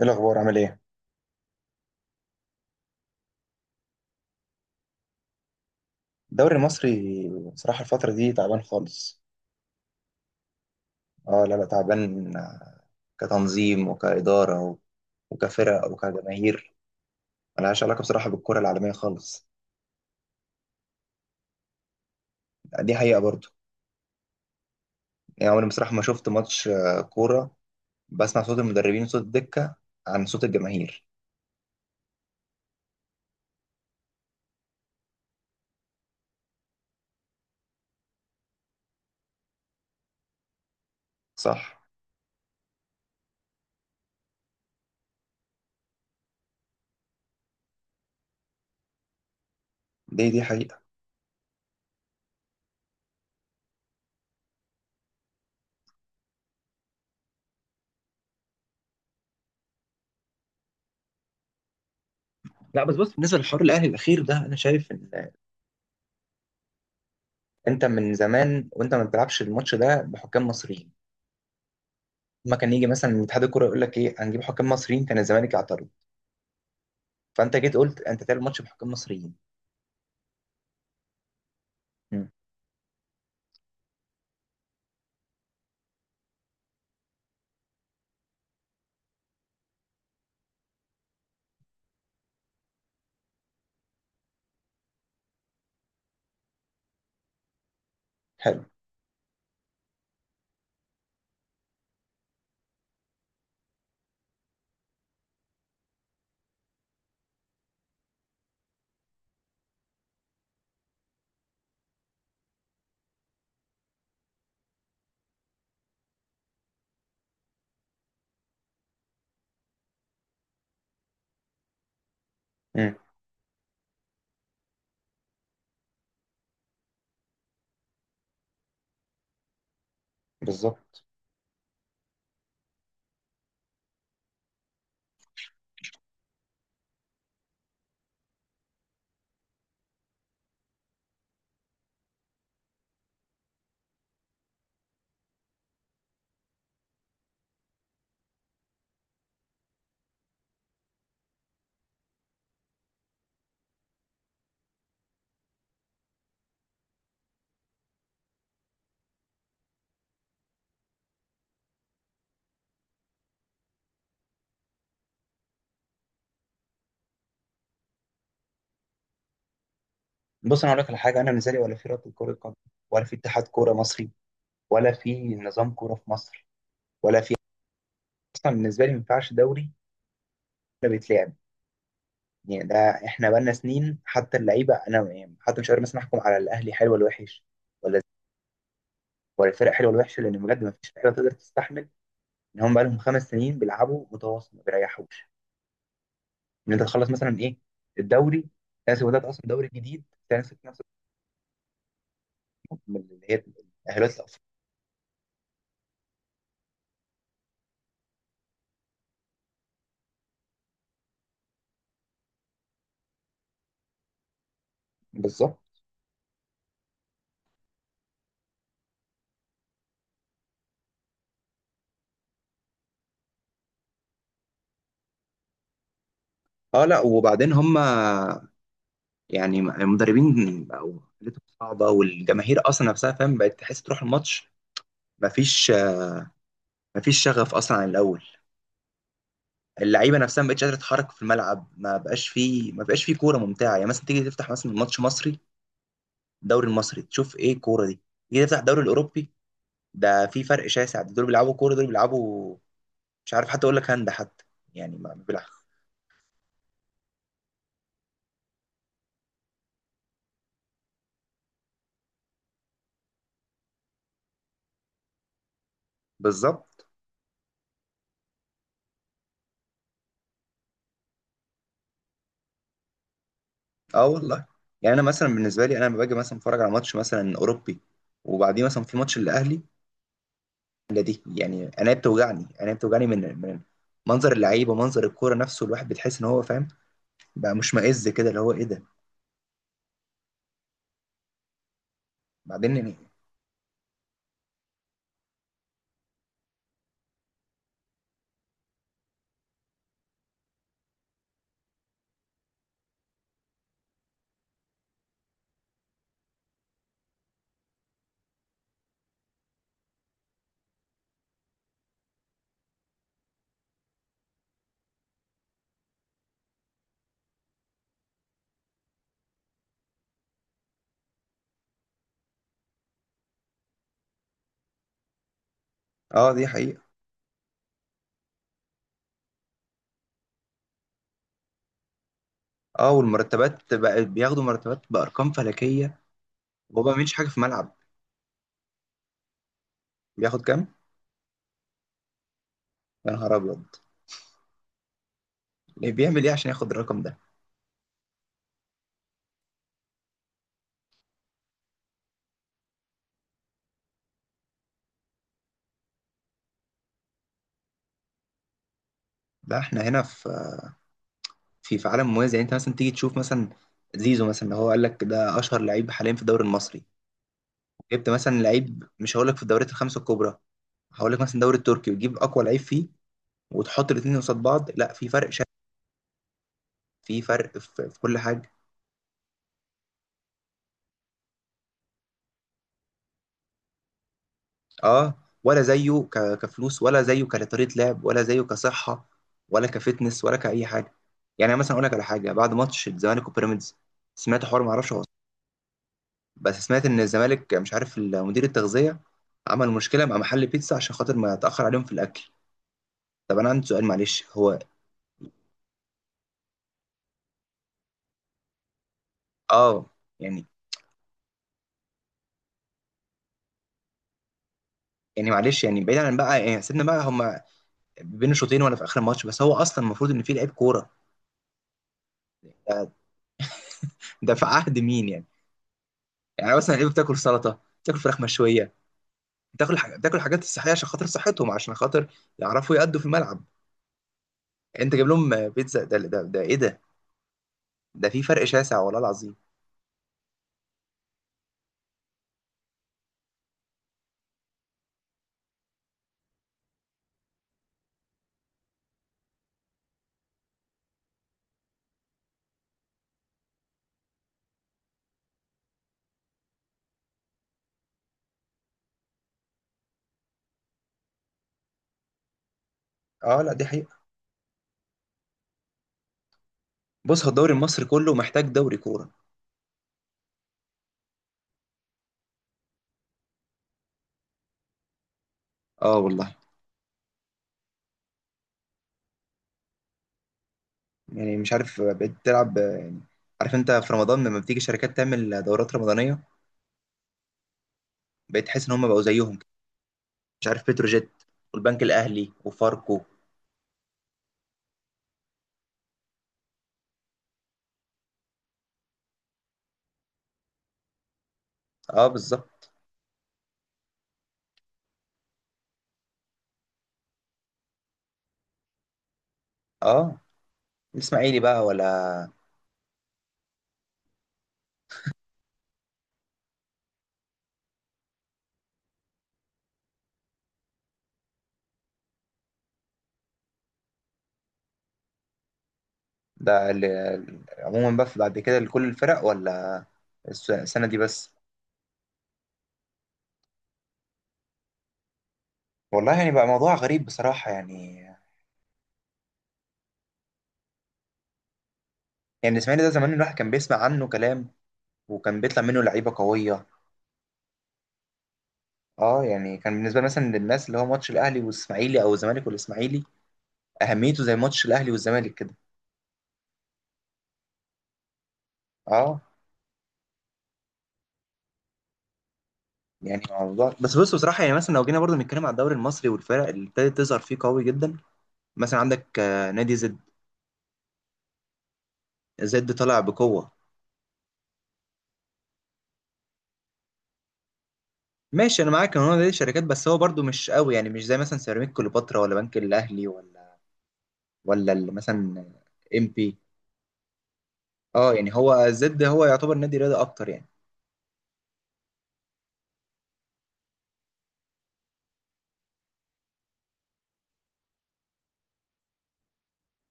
ايه الاخبار؟ عامل ايه؟ الدوري المصري. بصراحه الفتره دي تعبان خالص. اه، لا، لا، تعبان، كتنظيم وكاداره وكفرق وكجماهير، ملهاش علاقه بصراحه بالكره العالميه خالص. دي حقيقه برضو. يعني عمري بصراحه ما شفت ماتش، كوره. بسمع صوت المدربين وصوت الدكه عن صوت الجماهير. صح. دي حقيقه. لا بس بص، بالنسبه للحوار الاهلي الاخير ده، انا شايف ان انت من زمان وانت ما بتلعبش الماتش ده بحكام مصريين. ما كان يجي مثلا من اتحاد الكوره يقول لك ايه، هنجيب حكام مصريين، كان الزمالك يعترض. فانت جيت قلت انت تعمل ماتش بحكام مصريين. مم. حلو. مم. بالظبط. بص، انا اقول لك على حاجه، انا بالنسبه لي ولا في رابطه كره قدم، ولا في اتحاد كوره مصري، ولا في نظام كوره في مصر، ولا في. اصلا بالنسبه لي ما ينفعش دوري ولا بيتلعب. يعني ده، احنا بقالنا سنين، حتى اللعيبه، انا يعني حتى مش قادر مثلا احكم على الاهلي حلو ولا وحش، ولا ولا الفرق حلوه ولا وحشه، لان بجد ما فيش لعيبه تقدر تستحمل ان هم بقالهم 5 سنين بيلعبوا متواصل ما بيريحوش. ان انت تخلص مثلا ايه، الدوري، تنسى. وده اصلا دوري جديد. تنسى من اللي هي التأهلات الأفريقية. بالظبط. اه، لا، وبعدين هم، يعني المدربين بقوا حالتهم صعبة، والجماهير أصلا نفسها، فاهم، بقت تحس تروح الماتش. مفيش مفيش شغف أصلا عن الأول. اللعيبة نفسها ما بقتش قادرة تتحرك في الملعب. ما بقاش فيه كورة ممتعة. يعني مثلا تيجي تفتح مثلا ماتش مصري، الدوري المصري، تشوف إيه الكورة دي. تيجي تفتح الدوري الأوروبي، ده في فرق شاسع. دول بيلعبوا كورة، دول بيلعبوا، مش عارف حتى أقول لك هاند حتى، يعني ما بيلعب. بالظبط. اه والله. يعني انا مثلا بالنسبه لي، انا لما باجي مثلا اتفرج على ماتش مثلا اوروبي، وبعديه مثلا في ماتش الاهلي، لا دي يعني، انا بتوجعني من منظر اللعيبه، منظر الكوره نفسه. الواحد بتحس ان هو، فاهم، بقى مشمئز كده، اللي هو ايه ده. بعدين يعني، اه، دي حقيقه. اه، والمرتبات بقى، بياخدوا مرتبات بارقام فلكيه، وهو ما بيعملش حاجه في الملعب. بياخد كام؟ يا نهار ابيض! ليه؟ بيعمل ايه عشان ياخد الرقم ده؟ لا، احنا هنا في، في عالم موازي. يعني انت مثلا تيجي تشوف مثلا زيزو مثلا، اللي هو قال لك ده اشهر لعيب حاليا في الدوري المصري، جبت مثلا لعيب، مش هقول لك في الدوريات الخمسه الكبرى، هقول لك مثلا الدوري التركي، وتجيب اقوى لعيب فيه وتحط الاثنين قصاد بعض، لا في فرق شاسع. في فرق في كل حاجه. اه، ولا زيه كفلوس، ولا زيه كطريقه لعب، ولا زيه كصحه، ولا كفتنس، ولا كاي حاجه. يعني أنا مثلا اقول لك على حاجه، بعد ماتش الزمالك وبيراميدز سمعت حوار، ما اعرفش هو صح، بس سمعت ان الزمالك، مش عارف، مدير التغذيه عمل مشكله مع محل بيتزا عشان خاطر ما اتاخر عليهم في الاكل. طب انا عندي سؤال، معلش، هو اه يعني، يعني معلش يعني، بعيد عن بقى، يعني سيبنا بقى هما بين الشوطين ولا في اخر الماتش، بس هو اصلا المفروض ان في لعيب كوره، ده, ده في عهد مين يعني؟ يعني مثلا لعيبه بتاكل سلطه، بتاكل فراخ مشويه، بتاكل حاجة، بتاكل حاجات صحيه عشان خاطر صحتهم، عشان خاطر يعرفوا يأدوا في الملعب. يعني انت جايب لهم بيتزا؟ ده ايه ده؟ ده في فرق شاسع والله العظيم. اه لا دي حقيقه. بص، هو الدوري المصري كله محتاج دوري كوره. اه والله. يعني مش عارف بقيت تلعب يعني، عارف انت في رمضان لما بتيجي شركات تعمل دورات رمضانيه، بقيت تحس ان هم بقوا زيهم. مش عارف، بتروجيت والبنك الاهلي وفاركو. اه بالظبط. اه، الاسماعيلي بقى ولا، ده عموما بقى بعد كده لكل الفرق، ولا السنه دي بس؟ والله يعني بقى موضوع غريب بصراحه، يعني. يعني الاسماعيلي ده، زمان الواحد كان بيسمع عنه كلام، وكان بيطلع منه لعيبه قويه. اه، يعني كان بالنسبه لي، مثلا للناس، اللي هو ماتش الاهلي والاسماعيلي، او الزمالك والاسماعيلي، اهميته زي ماتش الاهلي والزمالك كده. اه، يعني موضوع، بس بص بصراحه، يعني مثلا لو جينا برضو نتكلم على الدوري المصري والفرق اللي ابتدت تظهر فيه قوي جدا، مثلا عندك نادي زد. زد طالع بقوه. ماشي، انا معاك ان هو نادي شركات، بس هو برضو مش قوي، يعني مش زي مثلا سيراميك كليوباترا ولا بنك الاهلي، ولا مثلا ام بي. اه، يعني هو زد هو يعتبر نادي رياضي اكتر يعني.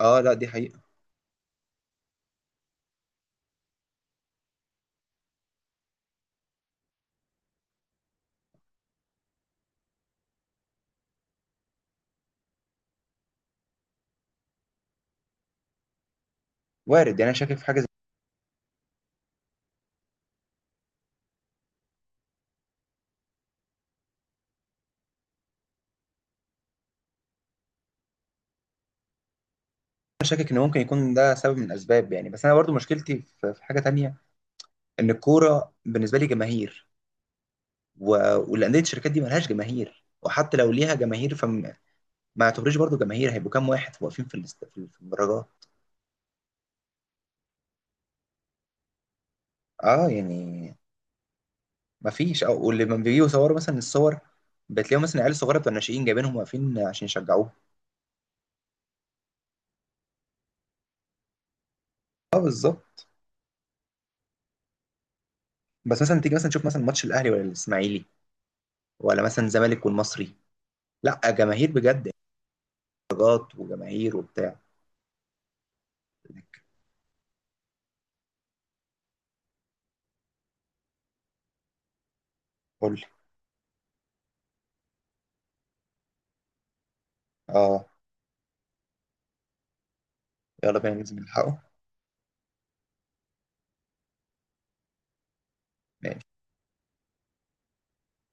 اه لا دي حقيقه. وارد. يعني انا شاكك في حاجه زي، انا شاكك ان ممكن يكون ده سبب من الاسباب يعني، بس انا برضو مشكلتي في حاجه تانية، ان الكوره بالنسبه لي جماهير، و... والانديه الشركات دي ملهاش جماهير، وحتى لو ليها جماهير، فما ما يعتبروش برضو جماهير، هيبقوا كام واحد واقفين في في المدرجات. اه يعني ما فيش، او واللي لما بيجوا يصوروا مثلا الصور، بتلاقيهم مثلا عيال صغيره بتوع الناشئين جايبينهم واقفين عشان يشجعوه. اه بالظبط. بس مثلا تيجي مثلا تشوف مثلا ماتش الاهلي ولا الاسماعيلي، ولا مثلا الزمالك والمصري، لا جماهير بجد، درجات وجماهير وبتاع. قول لي. اه. يلا بينا ننزل نلحقه. ماشي.